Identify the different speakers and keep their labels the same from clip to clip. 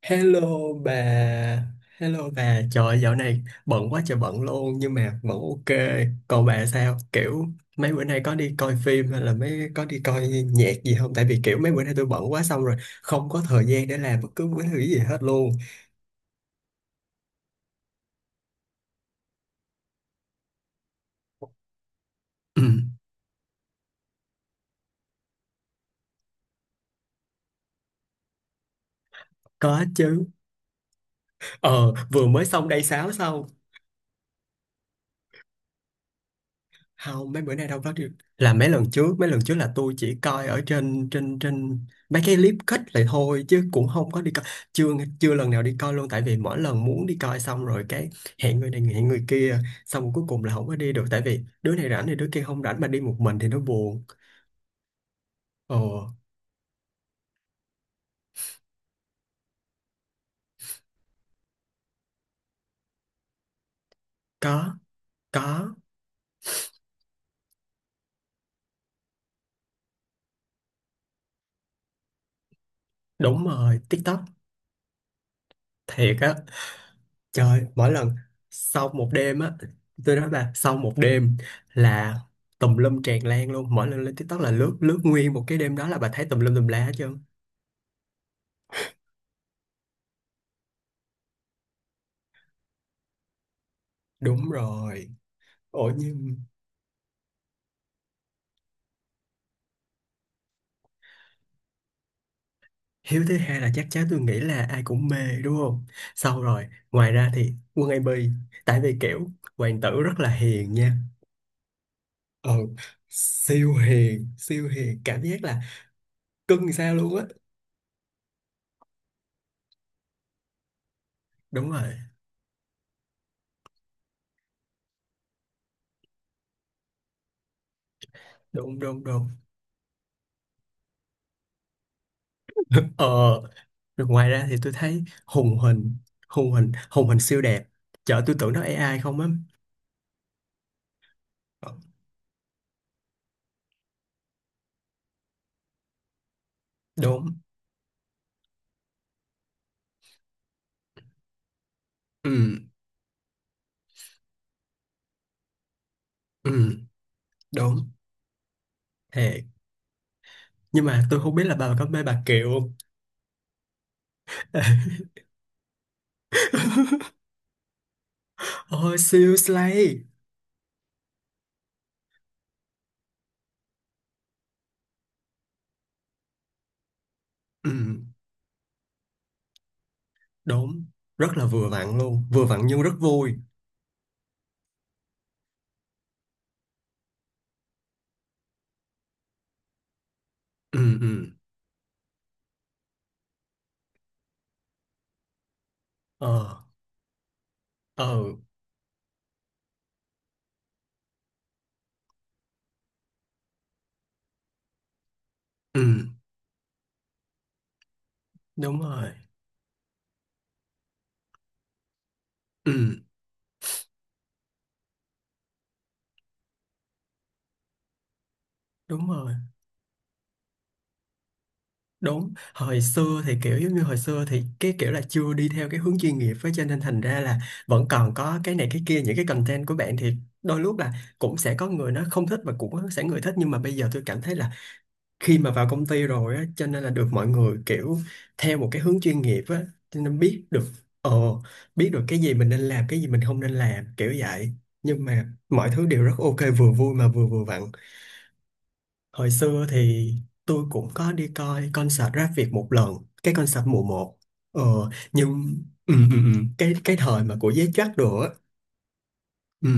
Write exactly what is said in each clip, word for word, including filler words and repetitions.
Speaker 1: Hello bà, hello bà, trời ơi, dạo này bận quá trời bận luôn nhưng mà vẫn ok. Còn bà sao? Kiểu mấy bữa nay có đi coi phim hay là mấy có đi coi nhạc gì không? Tại vì kiểu mấy bữa nay tôi bận quá xong rồi không có thời gian để làm bất cứ cái thứ gì hết luôn. Ừ, có chứ. Ờ, vừa mới xong day sáu xong không mấy bữa nay đâu có được là mấy lần trước mấy lần trước là tôi chỉ coi ở trên trên trên mấy cái clip cut lại thôi chứ cũng không có đi coi chưa chưa lần nào đi coi luôn tại vì mỗi lần muốn đi coi xong rồi cái hẹn người này hẹn người kia xong rồi cuối cùng là không có đi được tại vì đứa này rảnh thì đứa kia không rảnh mà đi một mình thì nó buồn. Ồ, có có đúng rồi TikTok thiệt á. Trời, mỗi lần sau một đêm á, tôi nói mà sau một đêm là tùm lum tràn lan luôn. Mỗi lần lên TikTok là lướt lướt nguyên một cái đêm đó là bà thấy tùm lum tùm lá hết trơn. Đúng rồi. Ủa nhưng hiếu thứ hai là chắc chắn tôi nghĩ là ai cũng mê đúng không? Sau rồi, ngoài ra thì Quân a bê, tại vì kiểu hoàng tử rất là hiền nha. Ừ, siêu hiền, siêu hiền, cảm giác là cưng sao luôn á. Đúng rồi, đúng đúng đúng. Ờ, rồi ngoài ra thì tôi thấy hùng hình, hùng hình, hùng hình siêu đẹp. Chợ tôi tưởng nó a i không á. Ờ, đúng, ừ, ừ, đúng, thiệt. Nhưng mà tôi không biết là bà có mê bà Kiều không? Ôi, siêu slay. Ừ, đúng, rất là vừa vặn luôn, vừa vặn nhưng rất vui. Ừ, ừ, ờ, ờ, ừ, đúng rồi, ừ, đúng rồi. Đúng, hồi xưa thì kiểu giống như hồi xưa thì cái kiểu là chưa đi theo cái hướng chuyên nghiệp với cho nên thành ra là vẫn còn có cái này cái kia những cái content của bạn thì đôi lúc là cũng sẽ có người nó không thích và cũng có sẽ người thích nhưng mà bây giờ tôi cảm thấy là khi mà vào công ty rồi á cho nên là được mọi người kiểu theo một cái hướng chuyên nghiệp á cho nên biết được ờ biết được cái gì mình nên làm cái gì mình không nên làm kiểu vậy nhưng mà mọi thứ đều rất ok vừa vui mà vừa vừa vặn. Hồi xưa thì tôi cũng có đi coi concert rap Việt một lần, cái concert mùa một. Ờ, nhưng ừ, ừ, ừ, cái cái thời mà của giấy Jack đồ á. Ừ,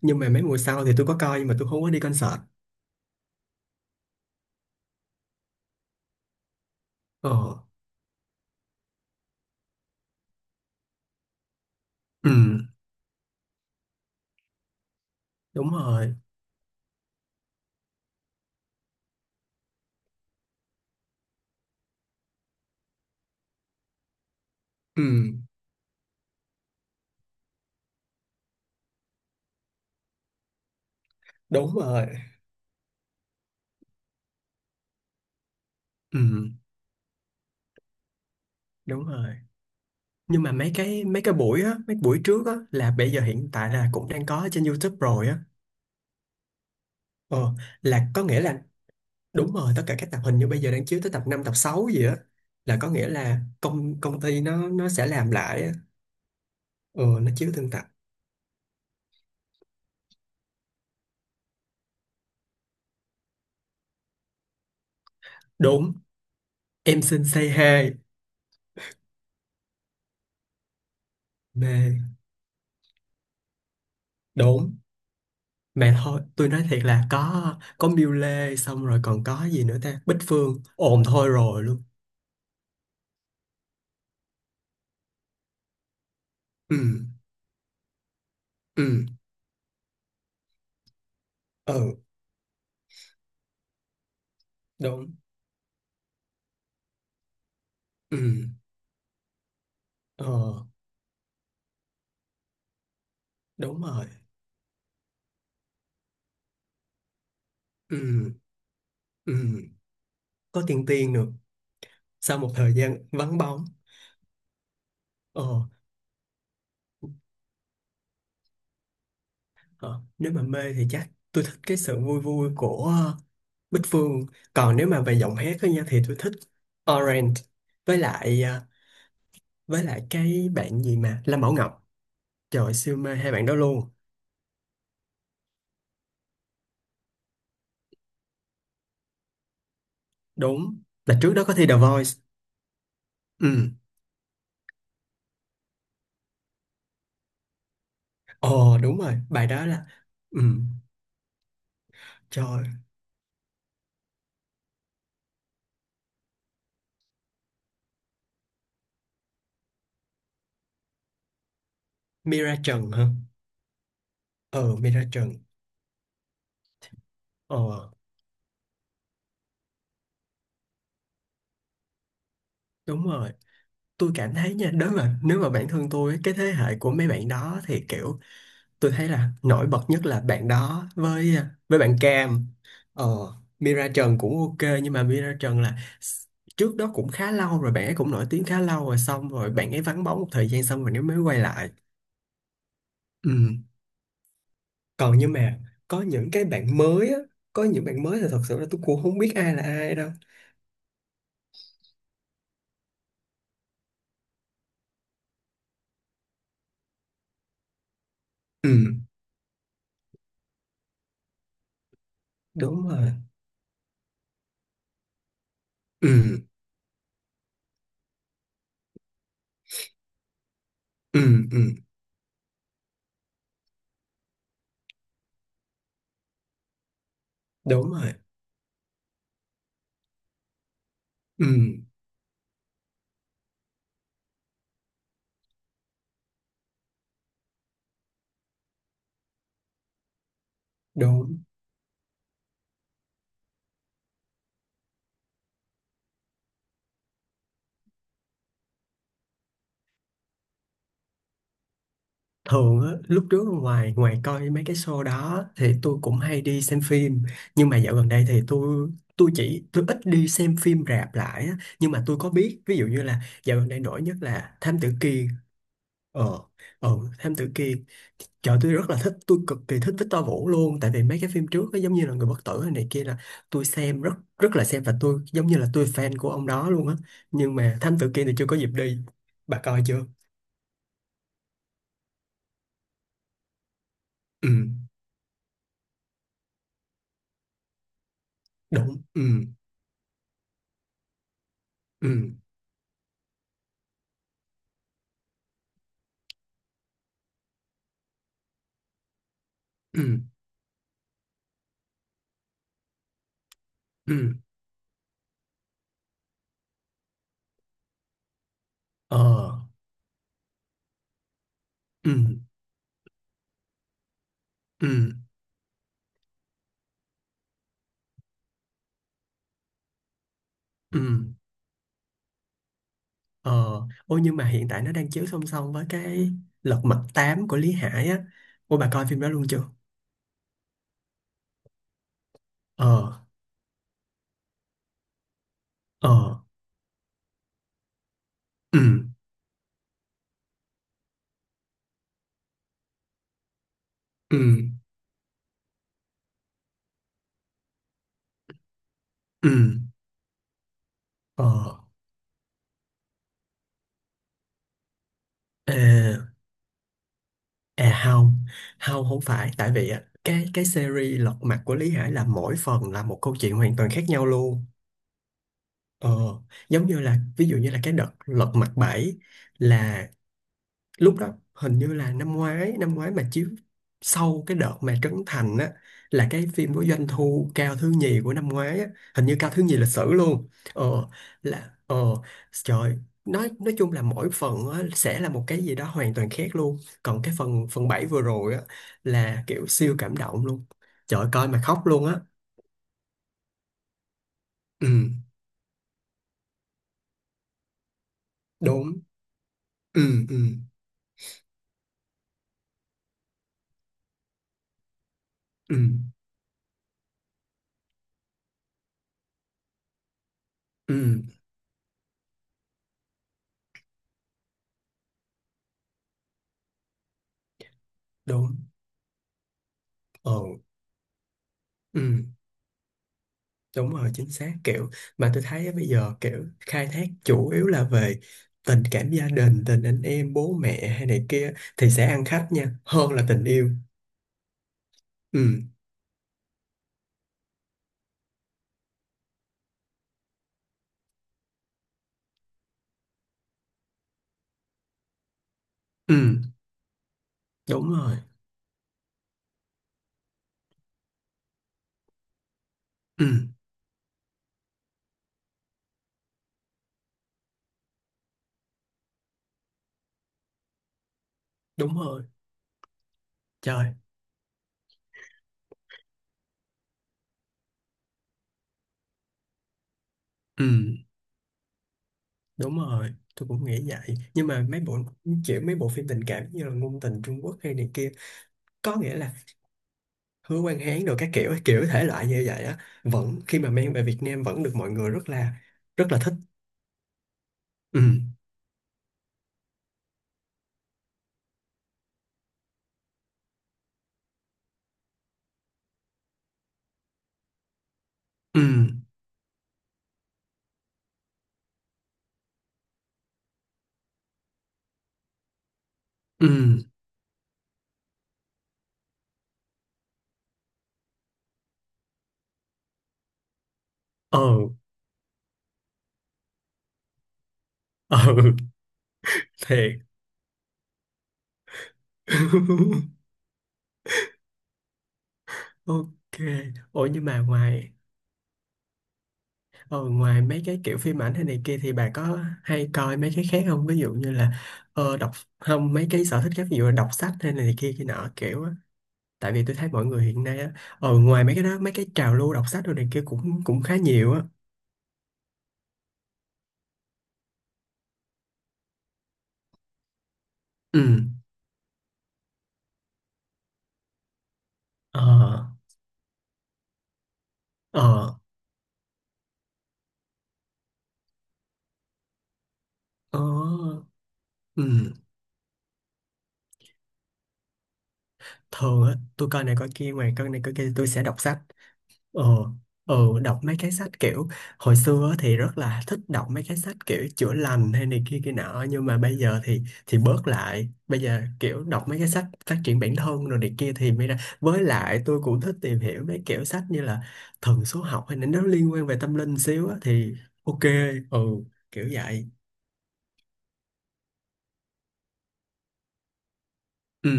Speaker 1: nhưng mà mấy mùa sau thì tôi có coi nhưng mà tôi không có đi concert. Ờ, ừ, đúng rồi. Ừ, đúng rồi. Ừ, đúng rồi. Nhưng mà mấy cái mấy cái buổi á, mấy buổi trước á là bây giờ hiện tại là cũng đang có ở trên YouTube rồi á. Ờ, là có nghĩa là đúng rồi, tất cả các tập hình như bây giờ đang chiếu tới tập năm tập sáu gì á là có nghĩa là công công ty nó nó sẽ làm lại á. Ừ, nó chiếu từng tập. Đúng, em xin say hi. Mê. Đúng. Mà thôi, tôi nói thiệt là có có Miu Lê xong rồi còn có gì nữa ta? Bích Phương. Ồn thôi rồi luôn. Ừ, ừ, ừ, đúng. Ừ, ờ, đúng rồi. Ừ, ừ, có tiền Tiên nữa. Sau một thời gian vắng bóng. Ờ. Ờ, nếu mà mê thì chắc tôi thích cái sự vui vui của ờ, Bích Phương, còn nếu mà về giọng hát á nha thì tôi thích Orange, với lại ờ, với lại cái bạn gì mà Lâm Bảo Ngọc, trời siêu mê hai bạn đó luôn. Đúng là trước đó có thi The Voice. Ừ, ồ đúng rồi bài đó là ừ trời. Mira Trần hả? Ừ, Mira Trần. Ờ đúng rồi, tôi cảm thấy nha nếu mà nếu mà bản thân tôi cái thế hệ của mấy bạn đó thì kiểu tôi thấy là nổi bật nhất là bạn đó với à, với bạn Cam. Ờ, Mira Trần cũng ok nhưng mà Mira Trần là s- trước đó cũng khá lâu rồi bạn ấy cũng nổi tiếng khá lâu rồi xong rồi bạn ấy vắng bóng một thời gian xong rồi nếu mới quay lại. Ừ. Còn nhưng mà có những cái bạn mới á, có những bạn mới là thật sự là tôi cũng không biết ai là ai đâu. Ừ, đúng rồi. Ừ, ừ, ừ, đúng rồi, ừ, đúng. Thường á, lúc trước ngoài ngoài coi mấy cái show đó thì tôi cũng hay đi xem phim, nhưng mà dạo gần đây thì tôi tôi chỉ tôi ít đi xem phim rạp lại á. Nhưng mà tôi có biết ví dụ như là dạo gần đây nổi nhất là Thám Tử Kiên. Ờ, ờ, Thám Tử Kiên. Trời tôi rất là thích, tôi cực kỳ thích Victor Vũ luôn. Tại vì mấy cái phim trước á, giống như là Người Bất Tử hay này kia là tôi xem rất rất là xem Và tôi giống như là tôi fan của ông đó luôn á. Nhưng mà Thám Tử Kiên thì chưa có dịp đi. Bà coi chưa? Ừ, đúng, ừ, ừ, ừ ừ ờ ừ ừ ừ. Ờ, ôi nhưng mà hiện tại nó đang chiếu song song với cái Lật Mặt tám của Lý Hải á, ôi bà coi phim đó luôn chưa? Ờ, ờ, ừ ừ ừ ờ ờ. À không, không không phải tại vì á cái cái series Lật Mặt của Lý Hải là mỗi phần là một câu chuyện hoàn toàn khác nhau luôn. Ờ, giống như là ví dụ như là cái đợt Lật Mặt bảy là lúc đó hình như là năm ngoái năm ngoái mà chiếu sau cái đợt mà Trấn Thành á là cái phim có doanh thu cao thứ nhì của năm ngoái á, hình như cao thứ nhì lịch sử luôn. Ờ, là ờ trời, nói nói chung là mỗi phần á, sẽ là một cái gì đó hoàn toàn khác luôn, còn cái phần phần bảy vừa rồi á là kiểu siêu cảm động luôn, trời ơi, coi mà khóc luôn á. Ừ, đúng, ừ, ừ, ừ, ừ, đúng, ờ, ừ. Đúng rồi, chính xác kiểu mà tôi thấy á, bây giờ kiểu khai thác chủ yếu là về tình cảm gia đình, tình anh em, bố mẹ hay này kia thì sẽ ăn khách nha, hơn là tình yêu. Ừ, ừ, đúng rồi. Ừ, đúng rồi. Trời. Ừ, đúng rồi. Tôi cũng nghĩ vậy. Nhưng mà mấy bộ kiểu mấy bộ phim tình cảm như là ngôn tình Trung Quốc hay này kia có nghĩa là Hứa Quang Hán rồi các kiểu kiểu thể loại như vậy á vẫn khi mà mang về Việt Nam vẫn được mọi người rất là rất là thích. Ừ, ừ, ừ, ờ, ờ, thiệt. Ok. Ủa nhưng mà ngoài ờ, ngoài mấy cái kiểu phim ảnh hay này kia thì bà có hay coi mấy cái khác không, ví dụ như là ờ, đọc không mấy cái sở thích khác ví dụ là đọc sách hay này kia kia nọ kiểu á, tại vì tôi thấy mọi người hiện nay á ờ ngoài mấy cái đó mấy cái trào lưu đọc sách rồi này kia cũng cũng khá nhiều á. Ừ, ờ, ờ, ờ, ừ. Thường á tôi coi này coi kia, ngoài coi này coi kia thì tôi sẽ đọc sách. Ờ, ờ, đọc mấy cái sách kiểu hồi xưa á thì rất là thích đọc mấy cái sách kiểu chữa lành hay này kia kia nọ nhưng mà bây giờ thì thì bớt lại, bây giờ kiểu đọc mấy cái sách phát triển bản thân rồi này kia thì mới ra, với lại tôi cũng thích tìm hiểu mấy kiểu sách như là thần số học hay là nó liên quan về tâm linh xíu á thì ok, ừ, kiểu vậy. Ừ,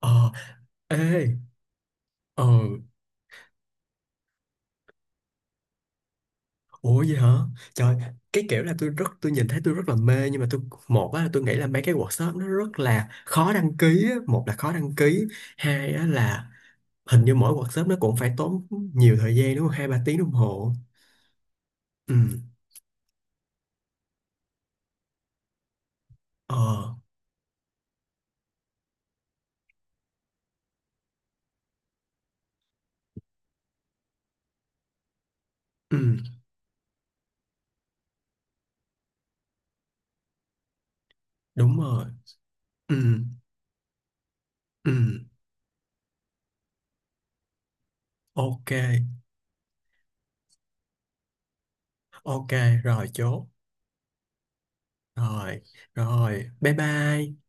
Speaker 1: ờ, ê, ờ. Ủa vậy hả? Trời, cái kiểu là tôi rất tôi nhìn thấy tôi rất là mê nhưng mà tôi, một á là tôi nghĩ là mấy cái workshop nó rất là khó đăng ký á. Một là khó đăng ký, hai á là hình như mỗi workshop nó cũng phải tốn nhiều thời gian đúng không? Hai ba tiếng đồng hồ. Ừ, ờ, ừ, đúng rồi. Ừ, ừ, ok, ok, rồi chốt. Rồi, rồi, bye bye.